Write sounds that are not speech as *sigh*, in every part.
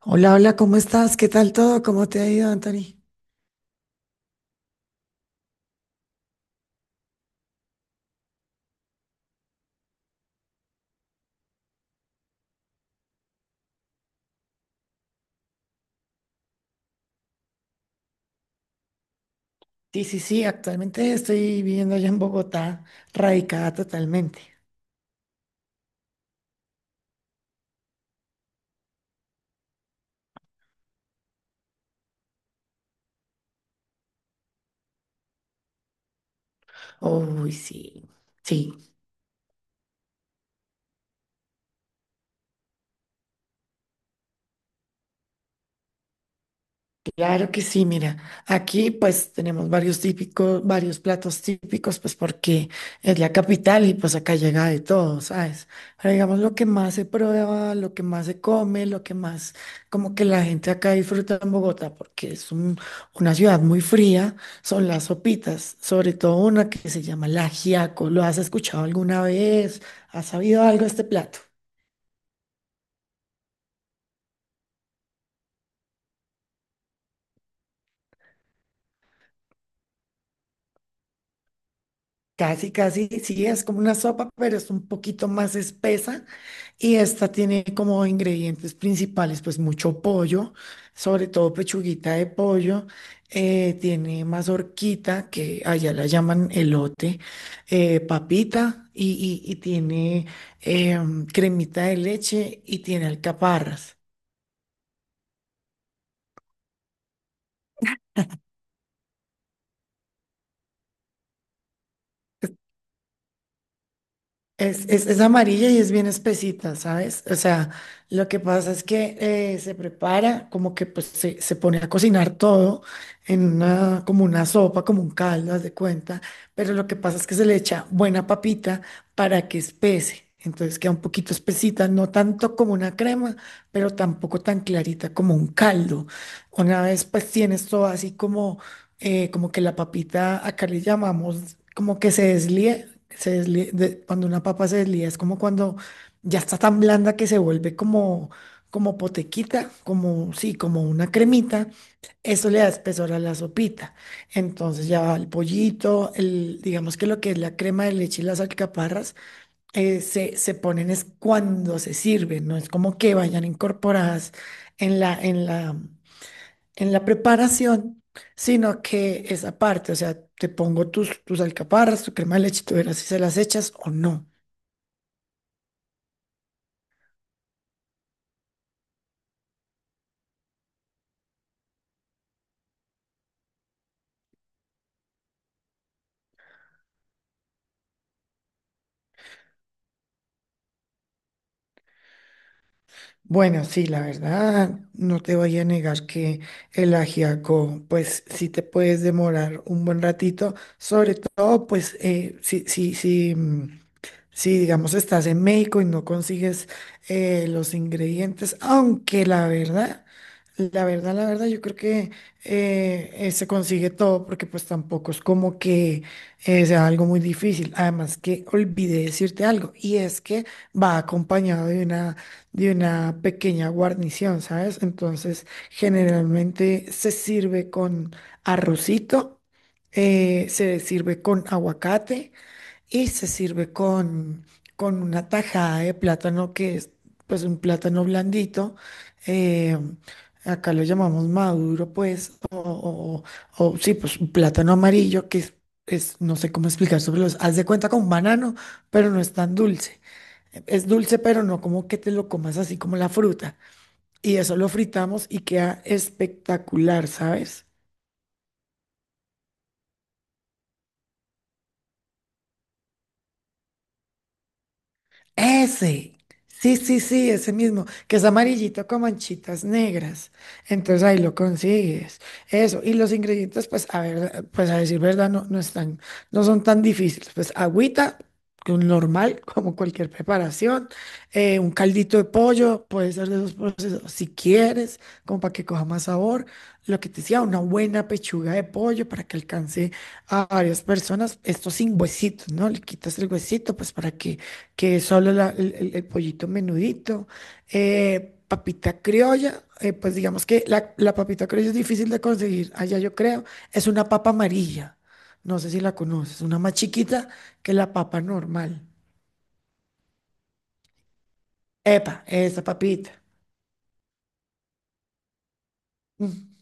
Hola, hola, ¿cómo estás? ¿Qué tal todo? ¿Cómo te ha ido, Anthony? Sí, sí, sí, actualmente estoy viviendo allá en Bogotá, radicada totalmente. Uy, sí, sí. Claro que sí, mira, aquí pues tenemos varios platos típicos, pues porque es la capital y pues acá llega de todo, ¿sabes? Pero digamos lo que más se prueba, lo que más se come, lo que más como que la gente acá disfruta en Bogotá, porque es una ciudad muy fría, son las sopitas, sobre todo una que se llama el ajiaco. ¿Lo has escuchado alguna vez? ¿Has sabido algo de este plato? Casi, casi, sí, es como una sopa, pero es un poquito más espesa. Y esta tiene como ingredientes principales, pues mucho pollo, sobre todo pechuguita de pollo, tiene mazorquita, que allá la llaman elote, papita y tiene cremita de leche y tiene alcaparras. Es amarilla y es bien espesita, ¿sabes? O sea, lo que pasa es que se prepara, como que pues se pone a cocinar todo en una, como una sopa, como un caldo, haz de cuenta, pero lo que pasa es que se le echa buena papita para que espese, entonces queda un poquito espesita, no tanto como una crema, pero tampoco tan clarita como un caldo. Una vez pues tienes todo así como como que la papita, acá le llamamos como que se deslíe, cuando una papa se deslía es como cuando ya está tan blanda que se vuelve como, como potequita, como, sí, como una cremita, eso le da espesor a la sopita. Entonces ya va el pollito, digamos que lo que es la crema de leche y las alcaparras, se ponen es cuando se sirven, no es como que vayan incorporadas en la, en la en la preparación, sino que esa parte, o sea, te pongo tus alcaparras, tu crema de leche, tú verás si se las echas o no. Bueno, sí, la verdad, no te voy a negar que el ajiaco, pues sí te puedes demorar un buen ratito, sobre todo, pues si, digamos, estás en México y no consigues los ingredientes, aunque la verdad, yo creo que se consigue todo porque pues tampoco es como que sea algo muy difícil. Además que olvidé decirte algo y es que va acompañado de una pequeña guarnición, ¿sabes? Entonces, generalmente se sirve con arrocito, se sirve con aguacate y se sirve con una tajada de plátano que es pues un plátano blandito. eh, Acá lo llamamos maduro, pues, o, sí, pues un plátano amarillo que es, no sé cómo explicar sobre los, haz de cuenta con un banano, pero no es tan dulce. Es dulce, pero no como que te lo comas así como la fruta. Y eso lo fritamos y queda espectacular, ¿sabes? Ese. Sí, sí, sí, ese mismo, que es amarillito con manchitas negras. Entonces ahí lo consigues. Eso. Y los ingredientes, pues, a ver, pues a decir verdad, no, no están, no son tan difíciles. Pues agüita, que un normal, *laughs* como cualquier preparación. Un caldito de pollo, puede ser de esos procesos, si quieres, como para que coja más sabor. Lo que te decía, una buena pechuga de pollo para que alcance a varias personas. Esto sin huesitos, ¿no? Le quitas el huesito, pues para que es solo el pollito menudito, papita criolla, pues digamos que la papita criolla es difícil de conseguir allá yo creo, es una papa amarilla, no sé si la conoces, una más chiquita que la papa normal. Epa, esa papita. Mm.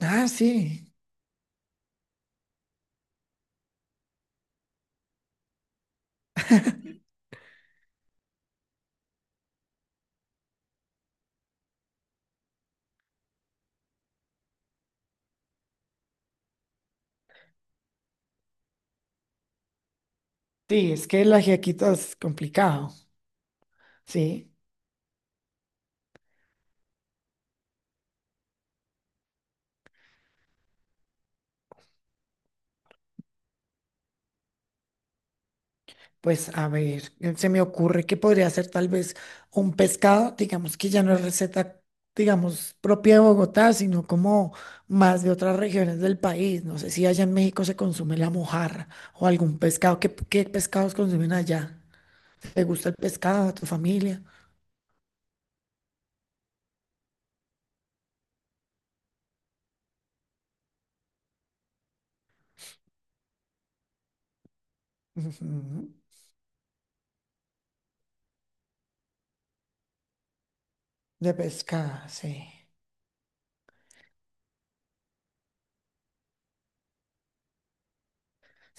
Ah, sí, sí, es que el ajiaquito es complicado, sí. Pues a ver, se me ocurre que podría ser tal vez un pescado, digamos que ya no es receta, digamos, propia de Bogotá, sino como más de otras regiones del país. No sé si allá en México se consume la mojarra o algún pescado. ¿Qué pescados consumen allá? ¿Te gusta el pescado a tu familia? Ujú. De pescado, sí.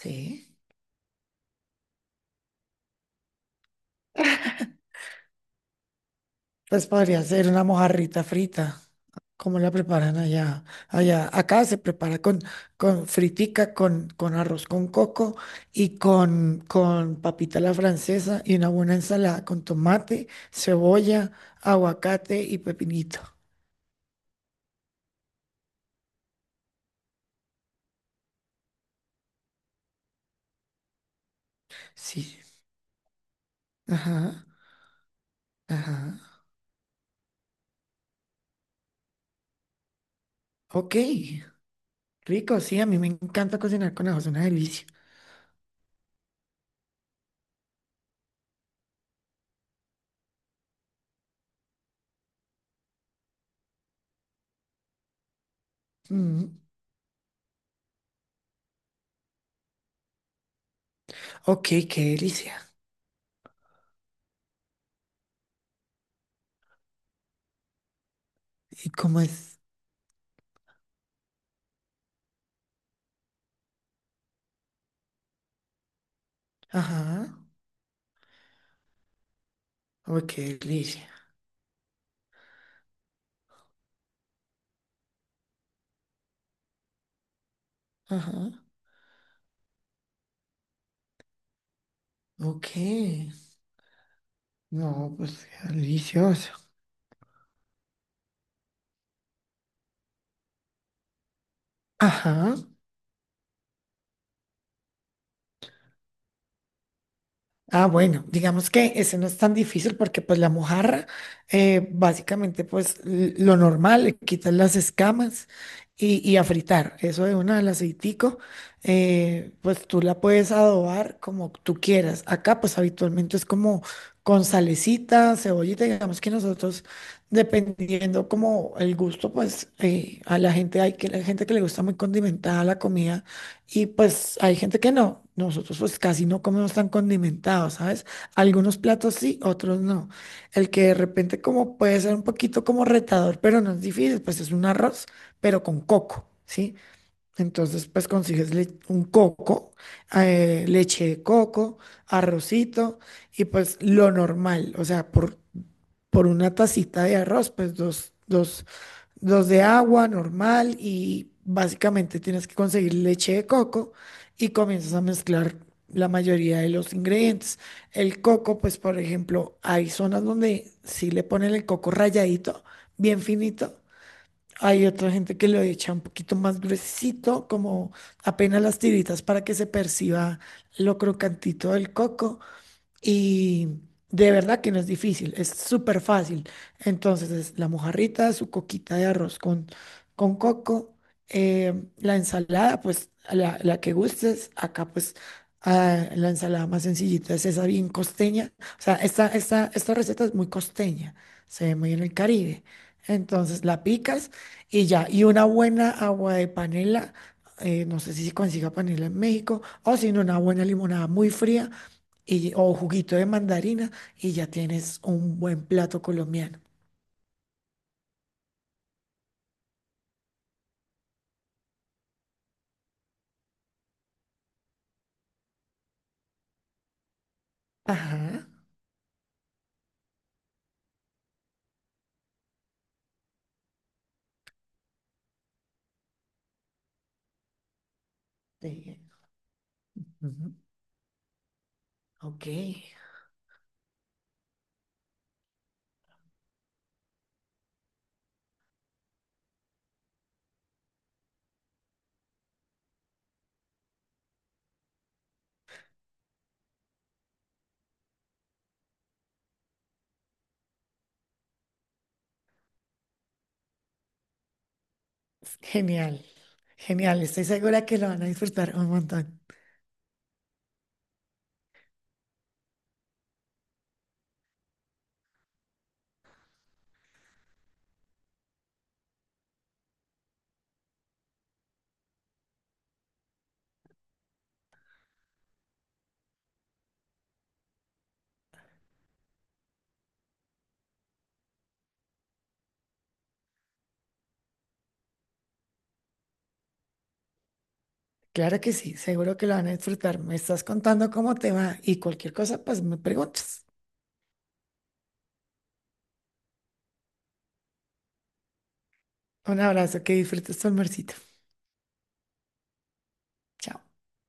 Sí. Pues podría ser una mojarrita frita. ¿Cómo la preparan allá? Allá, acá se prepara con fritica, con arroz con coco y con papita a la francesa y una buena ensalada con tomate, cebolla, aguacate y pepinito. Sí. Ajá, ajá. Ok, rico, sí, a mí me encanta cocinar con ajo, es una delicia. Mm. Ok, qué delicia. ¿Y cómo es? Ajá, ok, qué delicia. Ajá, ok. No, pues qué delicioso. Ajá. Ah, bueno, digamos que ese no es tan difícil porque pues la mojarra, básicamente pues lo normal, le quitas las escamas y a fritar. Eso de una al aceitico, pues tú la puedes adobar como tú quieras. Acá pues habitualmente es como con salecita, cebollita, digamos que nosotros dependiendo como el gusto pues a la gente, hay que la gente que le gusta muy condimentada la comida. Y pues hay gente que no. Nosotros pues casi no comemos tan condimentado, ¿sabes? Algunos platos sí, otros no. El que de repente como puede ser un poquito como retador, pero no es difícil, pues es un arroz, pero con coco, ¿sí? Entonces pues consigues un coco, leche de coco, arrocito y pues lo normal, o sea, por, una tacita de arroz, pues dos de agua normal y básicamente tienes que conseguir leche de coco y comienzas a mezclar la mayoría de los ingredientes. El coco, pues por ejemplo, hay zonas donde sí le ponen el coco ralladito, bien finito. Hay otra gente que lo echa un poquito más gruesito, como apenas las tiritas para que se perciba lo crocantito del coco. Y de verdad que no es difícil, es súper fácil. Entonces, es la mojarrita, su coquita de arroz con coco, la ensalada, pues a la que gustes. Acá, pues la ensalada más sencillita es esa bien costeña. O sea, esta receta es muy costeña, se ve muy en el Caribe. Entonces, la picas y ya. Y una buena agua de panela. No sé si se consiga panela en México o si no, una buena limonada muy fría y, o juguito de mandarina y ya tienes un buen plato colombiano. Ajá. Sí. Ujú. Ok. Genial. Genial. Estoy segura que lo van a disfrutar un montón. Claro que sí, seguro que lo van a disfrutar. Me estás contando cómo te va y cualquier cosa, pues me preguntas. Un abrazo, que disfrutes tu almuercito. Chao.